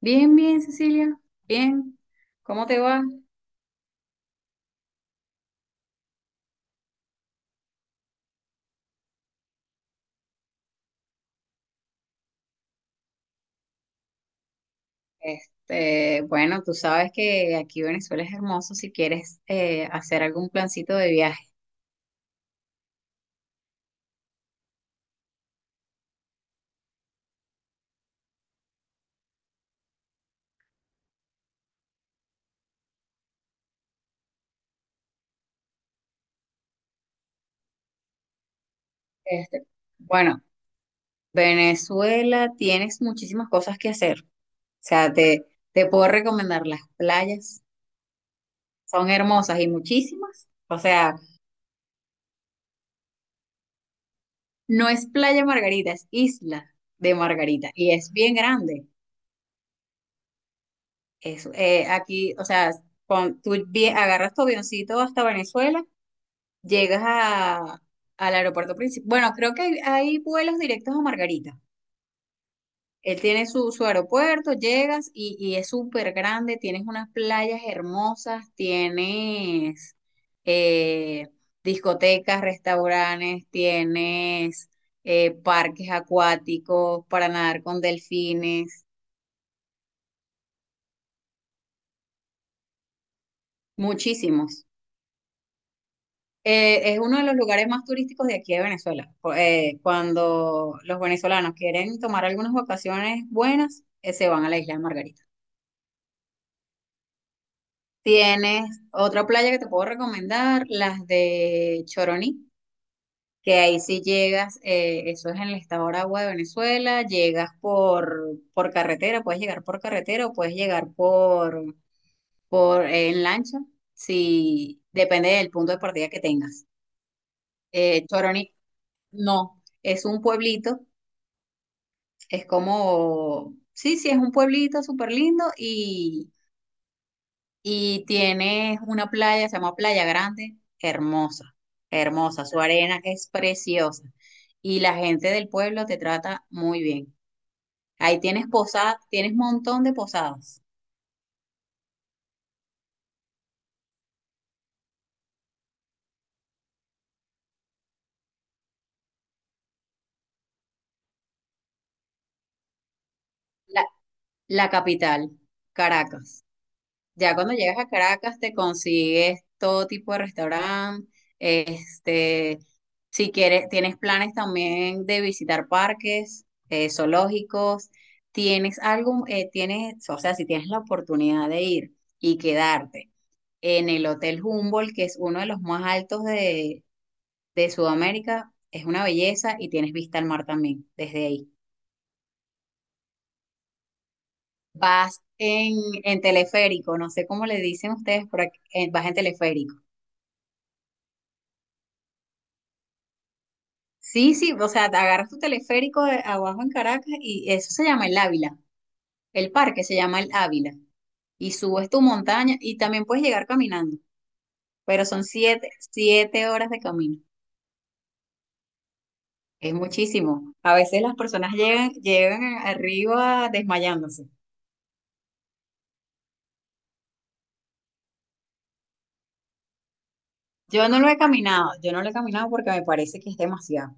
Bien, bien, Cecilia, bien. ¿Cómo te va? Tú sabes que aquí Venezuela es hermoso si quieres hacer algún plancito de viaje. Este, bueno, Venezuela tienes muchísimas cosas que hacer. O sea, te puedo recomendar las playas. Son hermosas y muchísimas. O sea, no es Playa Margarita, es Isla de Margarita. Y es bien grande. Es, aquí, o sea, cuando agarras tu avioncito hasta Venezuela. Llegas al aeropuerto principal. Bueno, creo que hay vuelos directos a Margarita. Él tiene su aeropuerto, llegas y es súper grande, tienes unas playas hermosas, tienes eh, discotecas, restaurantes, tienes parques acuáticos para nadar con delfines, muchísimos. Es uno de los lugares más turísticos de aquí de Venezuela. Cuando los venezolanos quieren tomar algunas vacaciones buenas, se van a la isla de Margarita. Tienes otra playa que te puedo recomendar, las de Choroní, que ahí sí llegas, eso es en el estado Aragua de Venezuela, llegas por carretera, puedes llegar por carretera o puedes llegar por en lancha, si depende del punto de partida que tengas. Choroní, no, es un pueblito. Es como, sí, sí, es un pueblito súper lindo y tiene una playa, se llama Playa Grande, hermosa, hermosa, su arena es preciosa y la gente del pueblo te trata muy bien. Ahí tienes posadas, tienes montón de posadas. La, la capital, Caracas. Ya cuando llegas a Caracas te consigues todo tipo de restaurante, este, si quieres, tienes planes también de visitar parques, zoológicos, tienes algo, tienes, o sea, si tienes la oportunidad de ir y quedarte en el Hotel Humboldt, que es uno de los más altos de Sudamérica, es una belleza y tienes vista al mar también desde ahí. Vas en teleférico, no sé cómo le dicen ustedes, por vas en teleférico. Sí, sí, o sea, te agarras tu teleférico de abajo en Caracas y eso se llama el Ávila. El parque se llama el Ávila. Y subes tu montaña y también puedes llegar caminando, pero son 7 horas de camino. Es muchísimo. A veces las personas llegan arriba desmayándose. Yo no lo he caminado, yo no lo he caminado porque me parece que es demasiado.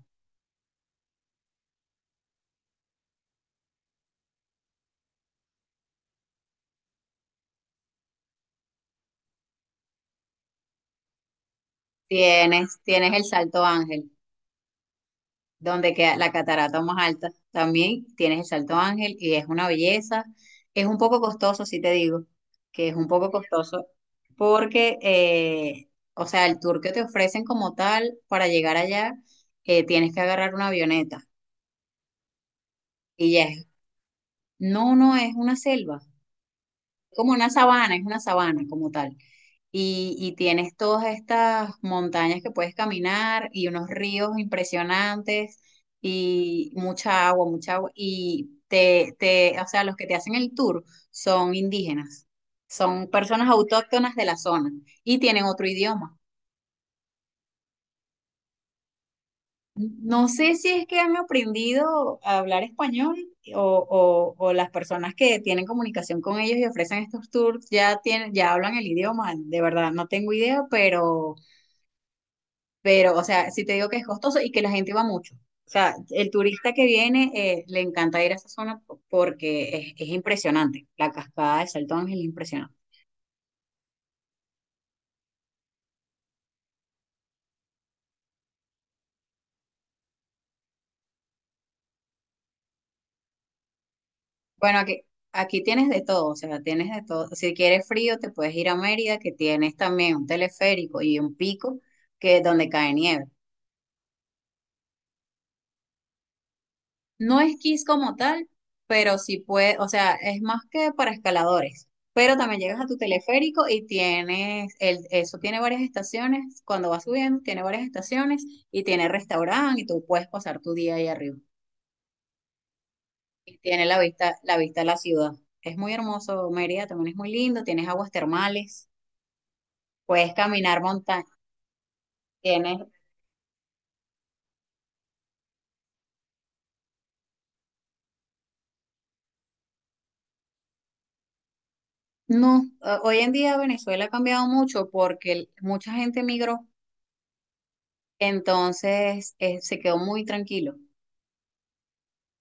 Tienes el Salto Ángel, donde queda la catarata más alta. También tienes el Salto Ángel y es una belleza. Es un poco costoso, si te digo, que es un poco costoso porque, o sea, el tour que te ofrecen como tal para llegar allá, tienes que agarrar una avioneta y ya es, no, no es una selva. Como una sabana, es una sabana como tal. Y tienes todas estas montañas que puedes caminar y unos ríos impresionantes y mucha agua, mucha agua. Y te, o sea, los que te hacen el tour son indígenas, son personas autóctonas de la zona y tienen otro idioma. No sé si es que han aprendido a hablar español o las personas que tienen comunicación con ellos y ofrecen estos tours ya tienen, ya hablan el idioma. De verdad, no tengo idea, pero, o sea, si te digo que es costoso y que la gente va mucho. O sea, el turista que viene le encanta ir a esa zona porque es impresionante. La cascada de Salto Ángel es impresionante. Bueno, aquí tienes de todo, o sea, tienes de todo. Si quieres frío, te puedes ir a Mérida, que tienes también un teleférico y un pico que donde cae nieve. No esquís como tal, pero sí puede, o sea, es más que para escaladores. Pero también llegas a tu teleférico y tienes, el, eso tiene varias estaciones, cuando vas subiendo, tiene varias estaciones y tiene restaurante y tú puedes pasar tu día ahí arriba. Y tiene la vista a la ciudad. Es muy hermoso, Mérida también es muy lindo, tienes aguas termales. Puedes caminar montaña. Tienes. No, hoy en día Venezuela ha cambiado mucho porque mucha gente migró, entonces se quedó muy tranquilo.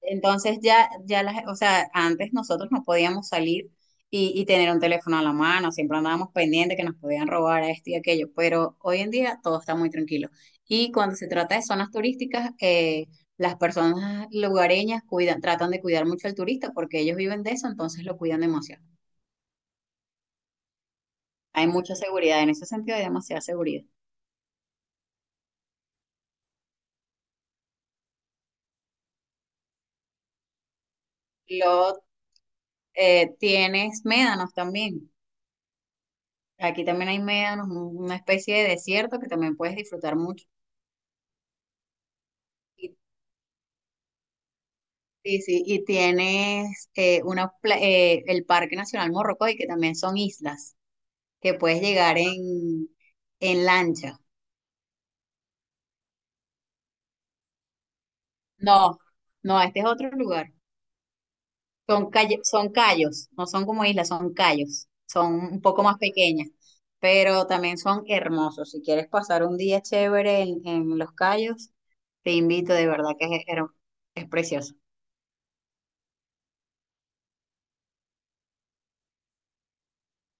Entonces ya las, o sea, antes nosotros no podíamos salir y tener un teléfono a la mano, siempre andábamos pendientes que nos podían robar a esto y aquello, pero hoy en día todo está muy tranquilo. Y cuando se trata de zonas turísticas, las personas lugareñas cuidan, tratan de cuidar mucho al turista porque ellos viven de eso, entonces lo cuidan demasiado. Hay mucha seguridad, en ese sentido hay demasiada seguridad. Luego tienes médanos también. Aquí también hay médanos, una especie de desierto que también puedes disfrutar mucho. Y, y sí, y tienes una, el Parque Nacional Morrocoy, que también son islas, que puedes llegar en lancha. No, no, este es otro lugar. Son, son callos, no son como islas, son callos, son un poco más pequeñas, pero también son hermosos. Si quieres pasar un día chévere en los callos, te invito, de verdad que es precioso.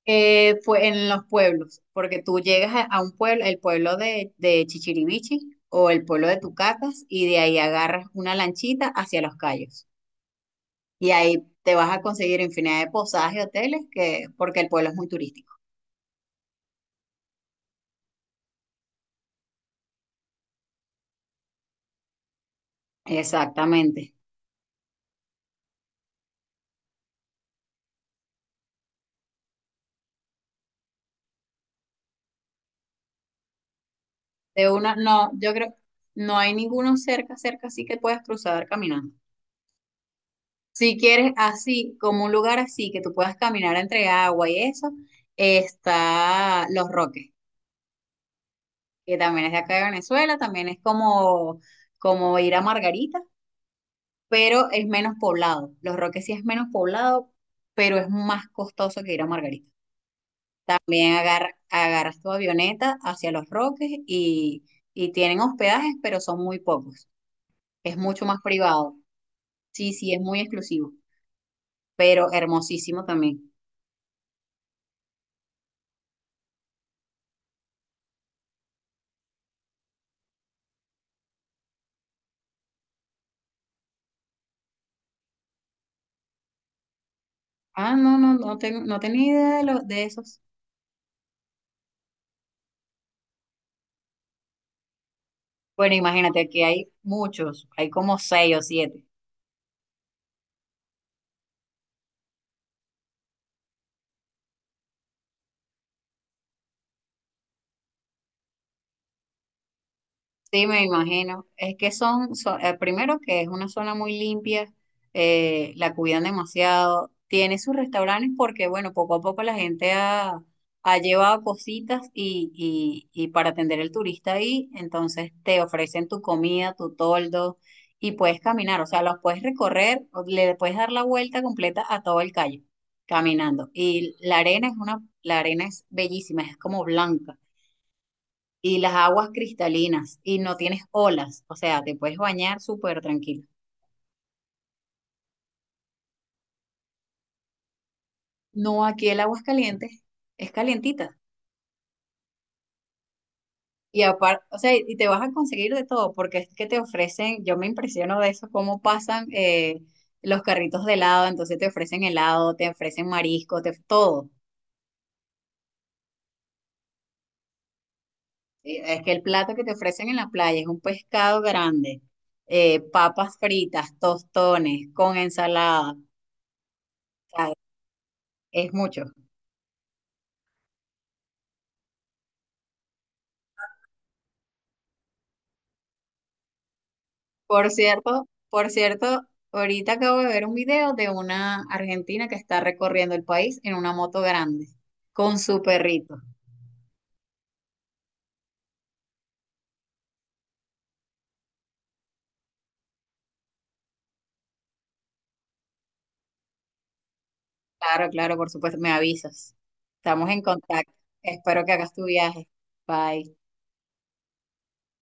Fue en los pueblos, porque tú llegas a un pueblo, el pueblo de Chichiribichi o el pueblo de Tucacas, y de ahí agarras una lanchita hacia los callos. Y ahí te vas a conseguir infinidad de posadas y hoteles, que, porque el pueblo es muy turístico. Exactamente. De una, no, yo creo, no hay ninguno cerca, cerca, así que puedas cruzar caminando. Si quieres así, como un lugar así, que tú puedas caminar entre agua y eso, está Los Roques, que también es de acá de Venezuela, también es como, como ir a Margarita, pero es menos poblado. Los Roques sí es menos poblado, pero es más costoso que ir a Margarita. También agarras tu avioneta hacia Los Roques y tienen hospedajes, pero son muy pocos. Es mucho más privado. Sí, sí, es muy exclusivo, pero hermosísimo también. Ah, no, no, no, tengo, no tenía idea de esos. Bueno, imagínate, aquí hay muchos, hay como 6 o 7. Sí, me imagino. Es que son, primero que es una zona muy limpia, la cuidan demasiado. Tiene sus restaurantes porque, bueno, poco a poco la gente ha llevado cositas y, y para atender al turista ahí, entonces te ofrecen tu comida, tu toldo y puedes caminar, o sea, los puedes recorrer, o le puedes dar la vuelta completa a todo el calle caminando. Y la arena es una, la arena es bellísima, es como blanca y las aguas cristalinas y no tienes olas, o sea, te puedes bañar súper tranquilo. No, aquí el agua es caliente, es calientita. Y aparte, o sea, y te vas a conseguir de todo, porque es que te ofrecen, yo me impresiono de eso, cómo pasan los carritos de helado, entonces te ofrecen helado, te ofrecen marisco, te, todo. Es que el plato que te ofrecen en la playa es un pescado grande, papas fritas, tostones, con ensalada, o sea, es mucho. Por cierto, ahorita acabo de ver un video de una argentina que está recorriendo el país en una moto grande con su perrito. Claro, claro, por supuesto, me avisas. Estamos en contacto. Espero que hagas tu viaje. Bye.